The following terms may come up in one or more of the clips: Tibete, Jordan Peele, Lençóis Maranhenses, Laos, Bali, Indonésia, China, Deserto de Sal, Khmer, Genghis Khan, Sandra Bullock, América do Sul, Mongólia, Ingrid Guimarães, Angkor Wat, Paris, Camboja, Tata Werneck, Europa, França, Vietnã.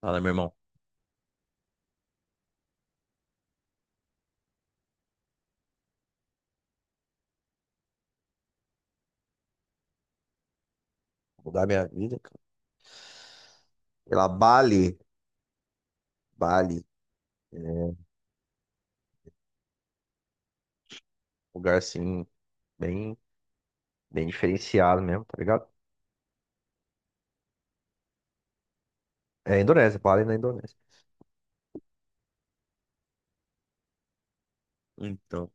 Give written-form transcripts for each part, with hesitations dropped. Fala, meu irmão. Mudar minha vida, cara. Pela Bali. Bali. É um lugar, assim, bem, bem diferenciado mesmo, tá ligado? É Indonésia, Bali na Indonésia. Então.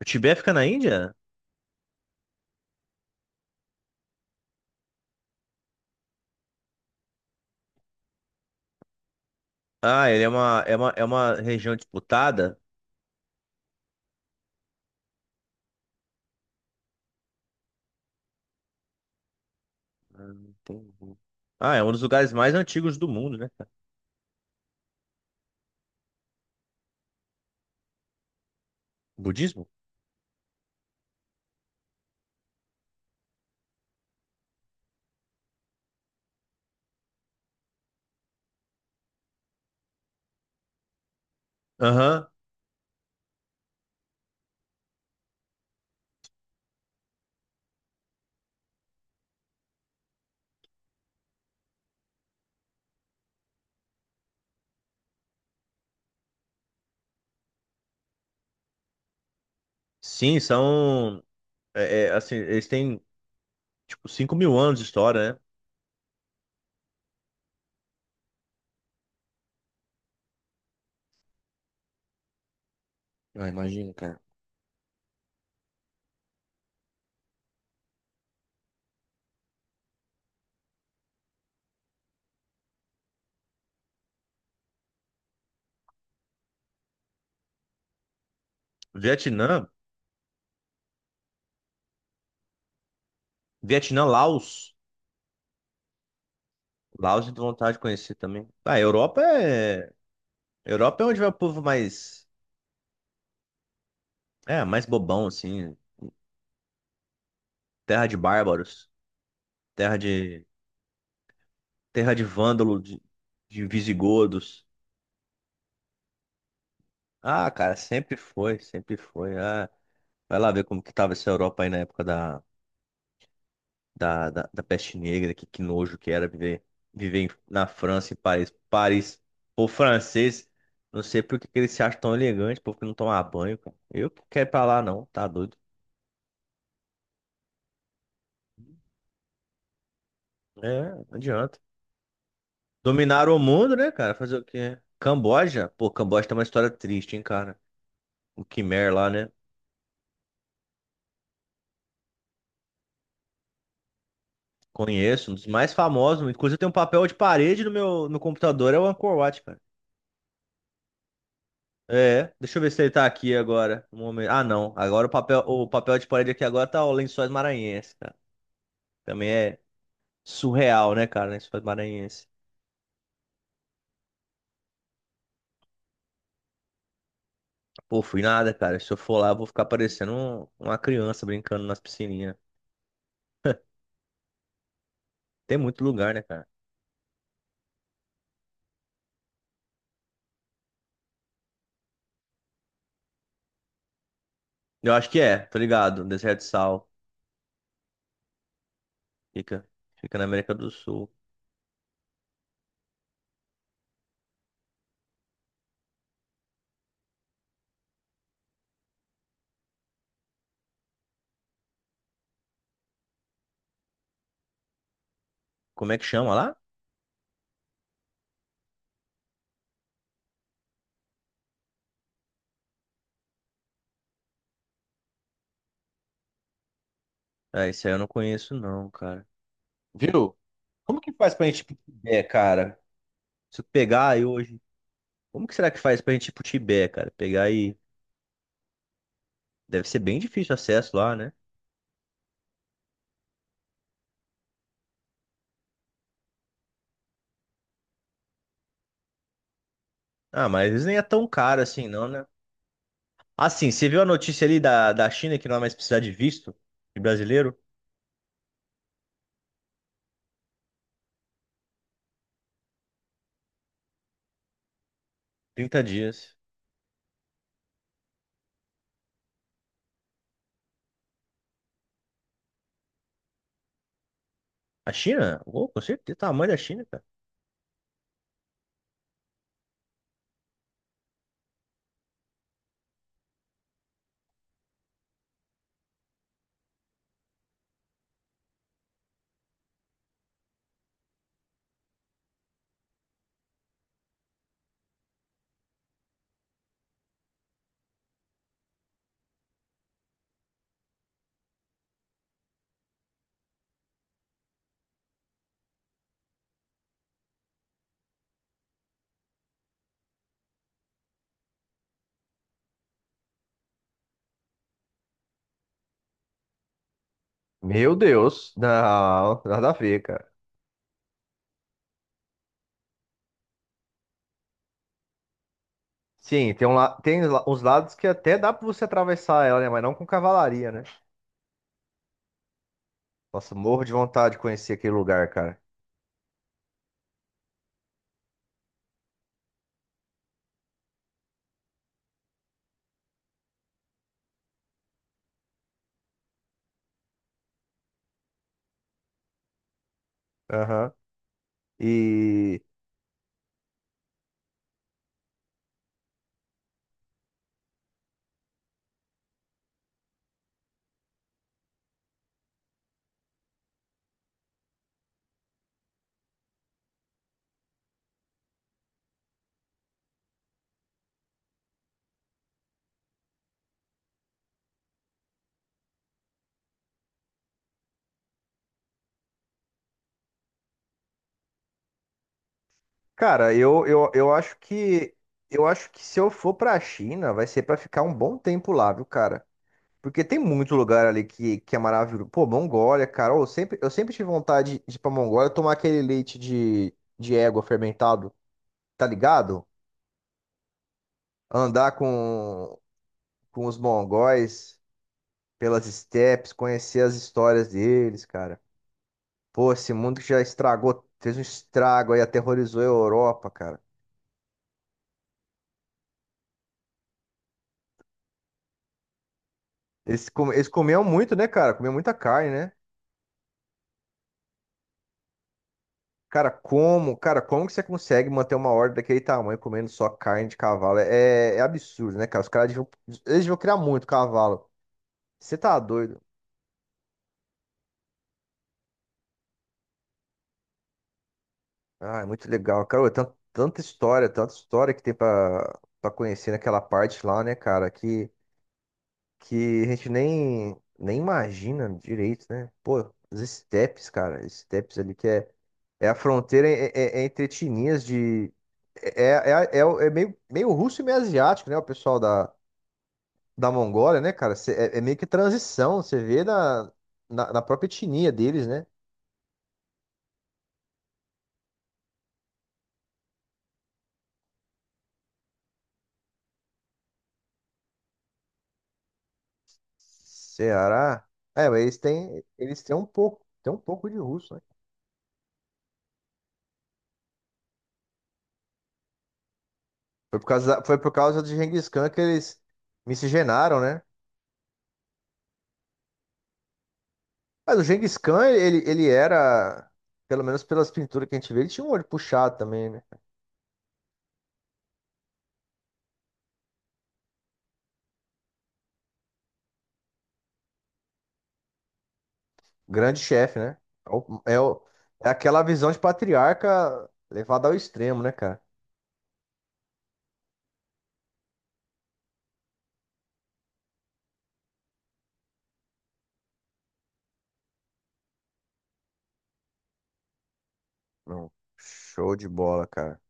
O Tibete fica na Índia? Ah, ele é uma região disputada? Ah, entendi. Ah, é um dos lugares mais antigos do mundo, né, cara? Budismo? Aham. Sim, são. É, é, assim, eles têm, tipo, 5 mil anos de história, né? Ah, imagina, cara. Vietnã, Laos. Laos de vontade de conhecer também. Ah, Europa é. Europa é onde vai o povo mais. É, mais bobão, assim. Terra de bárbaros. Terra de. Terra de vândalo, de visigodos. Ah, cara, sempre foi. Ah, vai lá ver como que tava essa Europa aí na época da peste negra, que nojo que era viver, na França, em Paris. Paris, O francês. Não sei por que que eles se acham tão elegantes, povo que não toma banho, cara. Eu que quero ir pra lá, não, tá doido. É, não adianta. Dominaram o mundo, né, cara? Fazer o quê? Camboja? Pô, Camboja tem uma história triste, hein, cara? O Khmer lá, né? Conheço, um dos mais famosos. Inclusive, tem um papel de parede no computador, é o Angkor Wat, cara. É, deixa eu ver se ele tá aqui agora. Um momento. Ah, não. Agora o papel de parede aqui agora tá o Lençóis Maranhenses, cara. Também é surreal, né, cara? Lençóis Maranhenses. Pô, fui nada, cara. Se eu for lá, eu vou ficar parecendo uma criança brincando nas piscininhas. Tem muito lugar, né, cara? Eu acho que é, tô ligado. Deserto de Sal. Fica, fica na América do Sul. Como é que chama lá? Ah, isso aí eu não conheço não, cara. Viu? Como que faz pra gente ir pro Tibete, cara? Se eu pegar aí hoje, como que será que faz pra gente ir pro Tibete, cara? Pegar aí. Deve ser bem difícil o acesso lá, né? Ah, mas eles nem é tão caro assim, não, né? Assim, você viu a notícia ali da China que não vai mais precisar de visto de brasileiro? 30 dias. A China? Oh, com certeza, o tamanho da China, cara. Meu Deus, não, nada a ver, cara. Sim, tem, uns lados que até dá pra você atravessar ela, né? Mas não com cavalaria, né? Nossa, morro de vontade de conhecer aquele lugar, cara. Aham. E, cara, eu acho que se eu for pra China, vai ser pra ficar um bom tempo lá, viu, cara? Porque tem muito lugar ali que é maravilhoso. Pô, Mongólia, cara. Eu sempre tive vontade de ir pra Mongólia tomar aquele leite de égua fermentado, tá ligado? Andar com os mongóis pelas steps, conhecer as histórias deles, cara. Pô, esse mundo que já estragou, fez um estrago aí, aterrorizou a Europa, cara. Eles, eles comiam muito, né, cara? Comiam muita carne, né? Cara, como que você consegue manter uma horda daquele tamanho comendo só carne de cavalo? É, é absurdo, né, cara? Os caras deviam, eles deviam criar muito cavalo. Você tá doido? Ah, é muito legal. Cara, tanta história que tem pra, pra conhecer naquela parte lá, né, cara? Que a gente nem imagina direito, né? Pô, os estepes, cara, estepes ali que é, é a fronteira é entre etnias de. É, é meio, meio russo e meio asiático, né? O pessoal da Mongólia, né, cara? Cê- É, é meio que transição, você vê na própria etnia deles, né? Ceará. É, mas eles têm um pouco de russo, né? Foi por causa de Genghis Khan que eles miscigenaram, né? Mas o Genghis Khan, ele era, pelo menos pelas pinturas que a gente vê, ele tinha um olho puxado também, né? Grande chefe, né? É, o- é o- é aquela visão de patriarca levada ao extremo, né, cara? Não, show de bola, cara.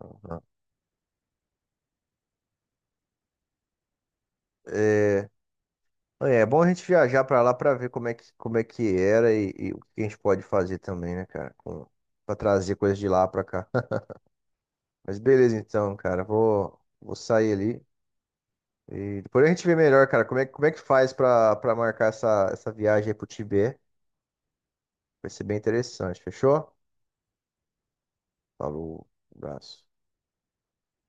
Aham. É, é bom a gente viajar pra lá pra ver como é que era e o que a gente pode fazer também, né, cara? Com, pra trazer coisas de lá pra cá. Mas beleza, então, cara. Vou, vou sair ali. E depois a gente vê melhor, cara, como é que faz pra, pra marcar essa viagem aí pro Tibete. Vai ser bem interessante, fechou? Falou, abraço.